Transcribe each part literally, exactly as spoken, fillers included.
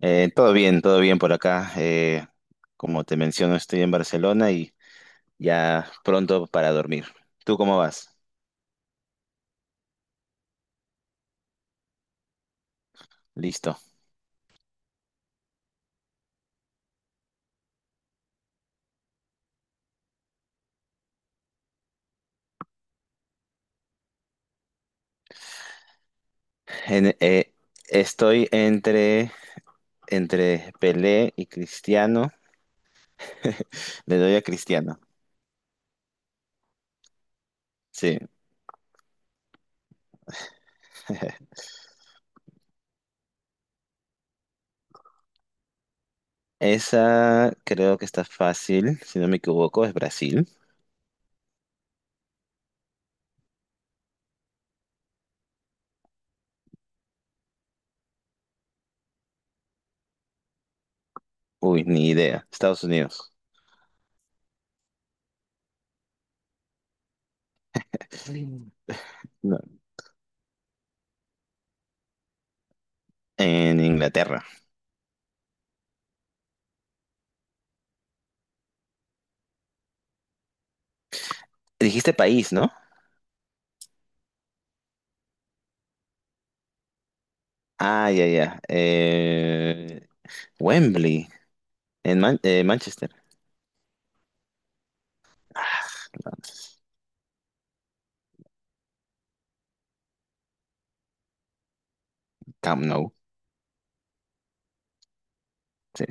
Eh, todo bien, todo bien por acá. Eh, como te menciono, estoy en Barcelona y ya pronto para dormir. ¿Tú cómo vas? Listo. En- eh, estoy entre, entre Pelé y Cristiano. Le doy a Cristiano. Sí. Esa creo que está fácil, si no me equivoco, es Brasil. Uy, ni idea. Estados Unidos. No. En Inglaterra. Dijiste país, ¿no? Ah, ya, ya. Eh, Wembley, en Man- eh, Manchester. Camp Nou, sí.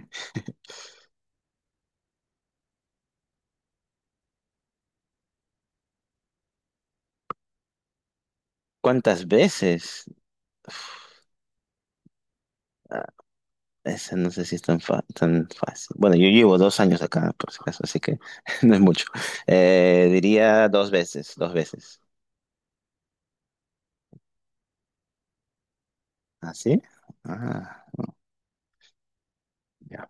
¿Cuántas veces? Ah, esa no sé si es tan, fa- tan fácil. Bueno, yo llevo dos años acá, por si acaso, así que no es mucho. Eh, diría dos veces, dos veces. ¿Ah, sí? Ah, ya.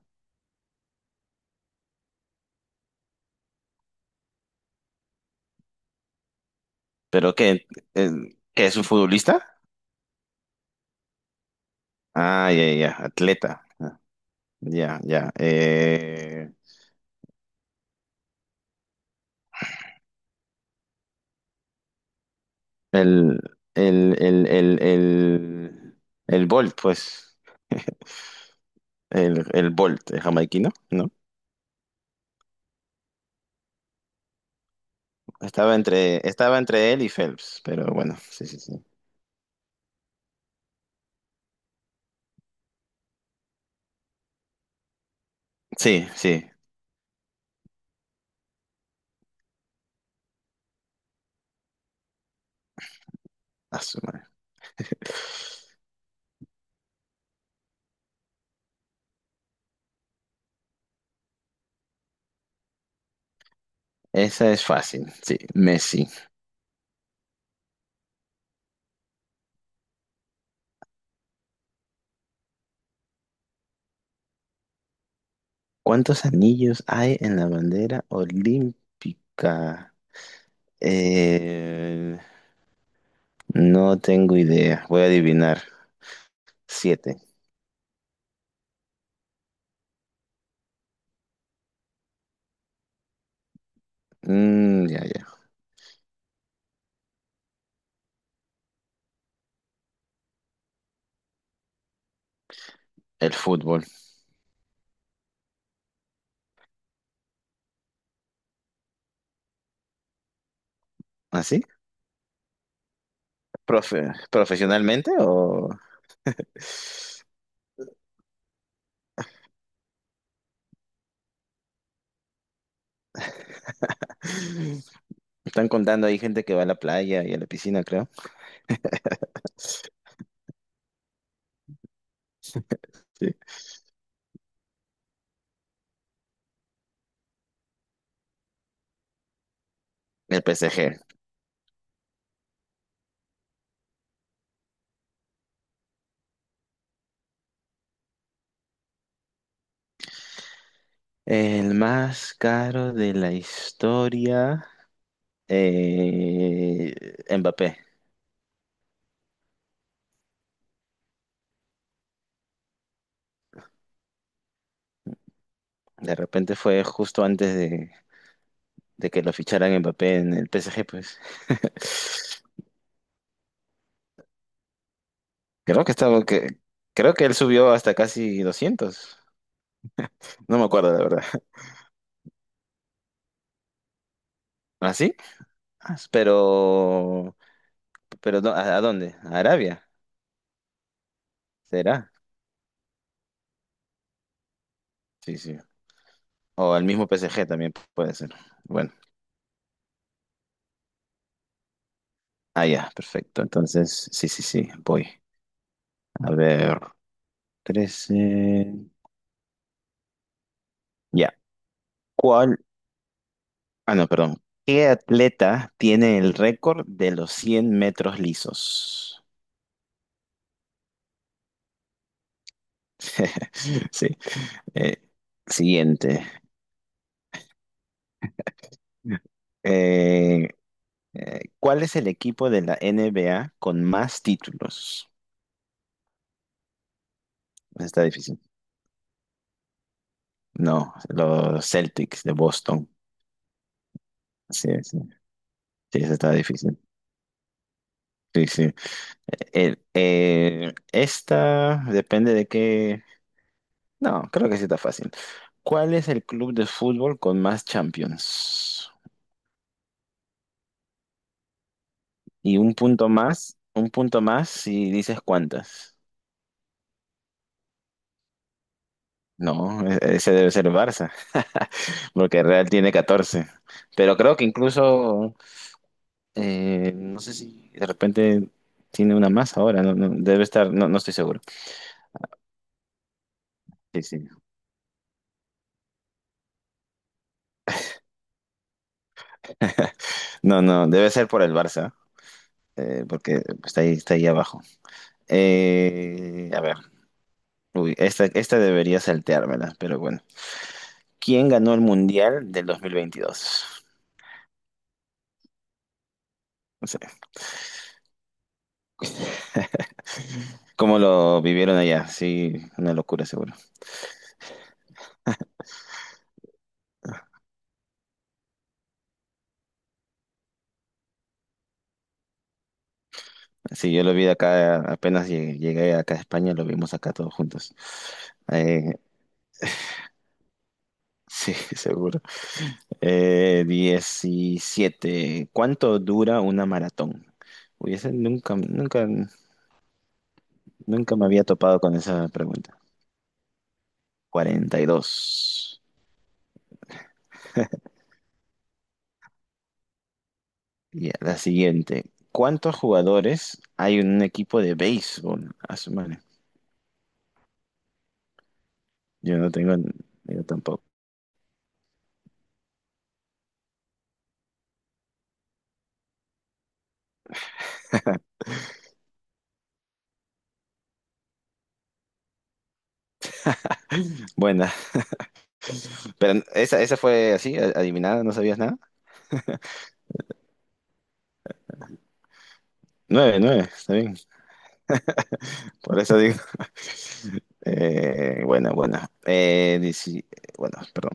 ¿Pero qué? Eh, ¿qué es un futbolista? Ah, ya, ya, atleta. Ah, ya, ya. Eh, el, el, el, el, el, el Bolt, pues. El, el Bolt, el jamaiquino, ¿no? Estaba entre, estaba entre él y Phelps, pero bueno, sí, sí, sí. Sí, sí. A su madre. Esa es fácil, sí. Messi. ¿Cuántos anillos hay en la bandera olímpica? Eh, no tengo idea. Voy a adivinar. Siete. Mm, ya, ya. El fútbol. ¿Así? ¿Profe- ¿Profesionalmente o? Están contando ahí gente que va a la playa y a la piscina, creo. Sí. El P S G. El más caro de la historia, eh, Mbappé. De repente fue justo antes de, de que lo ficharan Mbappé en el P S G, pues. Creo que estaba, que, creo que él subió hasta casi doscientos. No me acuerdo, la verdad. ¿Ah, sí? Ah, Pero, pero no, ¿a a dónde? ¿A Arabia? ¿Será? Sí, sí. O al mismo P S G también puede ser. Bueno, ah, ya, perfecto. Entonces, sí, sí, sí, voy. A ver. Trece. Ya. ¿Cuál? Ah, no, perdón. ¿Qué atleta tiene el récord de los cien metros lisos? Sí. Eh, siguiente. Eh, eh, ¿cuál es el equipo de la N B A con más títulos? Esa está difícil. No, los Celtics de Boston. Sí, sí. Sí, esa está difícil. Sí, sí. El- eh, esta depende de qué. No, creo que sí está fácil. ¿Cuál es el club de fútbol con más Champions? Y un punto más, un punto más si dices cuántas. No, e- ese debe ser el Barça, porque Real tiene catorce. Pero creo que incluso, eh, no sé si de repente tiene una más ahora, no, no, debe estar, no, no estoy seguro. Sí, sí. No, no, debe ser por el Barça, eh, porque está ahí, está ahí abajo. Eh, a ver, uy, esta, esta debería salteármela, pero bueno. ¿Quién ganó el Mundial del dos mil veintidós? No sé, ¿cómo lo vivieron allá? Sí, una locura seguro. Sí, yo lo vi de acá, apenas llegué, llegué acá a España, lo vimos acá todos juntos. Eh, sí, seguro. Eh, diecisiete. ¿Cuánto dura una maratón? Uy, ese nunca, nunca, nunca me había topado con esa pregunta. Cuarenta y dos. Y la siguiente. ¿Cuántos jugadores hay en un equipo de béisbol? A su madre. Yo no tengo, yo tampoco. Buena. Pero esa, esa fue así, a- adivinada, no sabías nada. Nueve, nueve, está bien. Por eso digo. Eh, buena bueno. Eh, dieci- bueno, perdón.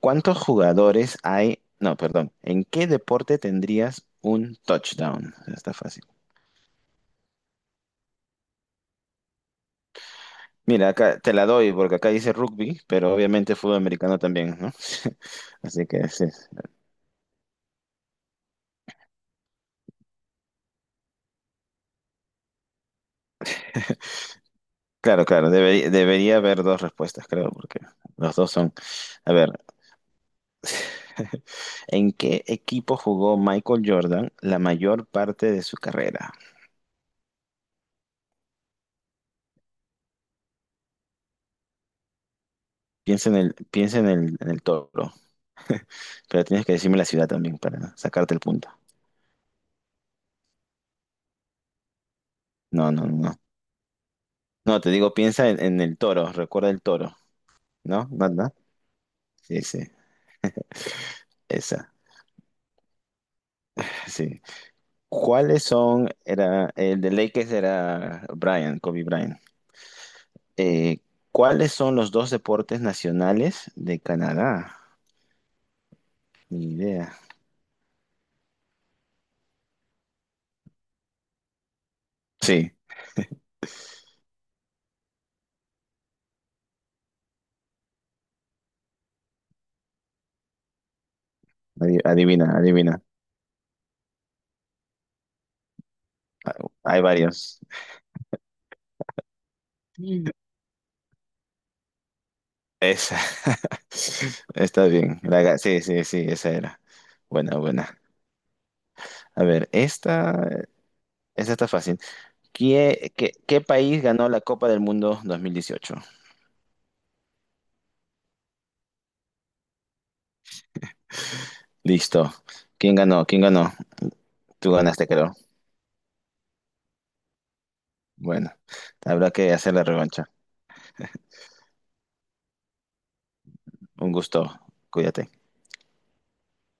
¿Cuántos jugadores hay? No, perdón. ¿En qué deporte tendrías un touchdown? Está fácil. Mira, acá te la doy porque acá dice rugby, pero obviamente fútbol americano también, ¿no? Así que sí. Claro, claro, debería, debería haber dos respuestas, creo, porque los dos son. A ver. ¿En qué equipo jugó Michael Jordan la mayor parte de su carrera? Piensa en el, piensa en el, en el toro. Pero tienes que decirme la ciudad también para sacarte el punto. No, no, no. No, no, te digo, piensa en, en el toro. Recuerda el toro. ¿No? ¿No, no? Sí, sí. Esa. Sí. ¿Cuáles son? Era, el de Lakers era Brian, Kobe Bryant. Eh, ¿cuáles son los dos deportes nacionales de Canadá? Ni idea. Sí. Adi- Adivina, adivina. Hay varios. Mm. Esa. Está bien. La ga- sí, sí, sí, esa era. Buena, buena. A ver, esta, esta está fácil. ¿Qué, qué, qué país ganó la Copa del Mundo dos mil dieciocho? Listo. ¿Quién ganó? ¿Quién ganó? Tú ganaste, creo. Bueno, habrá que hacer la revancha. Un gusto. Cuídate.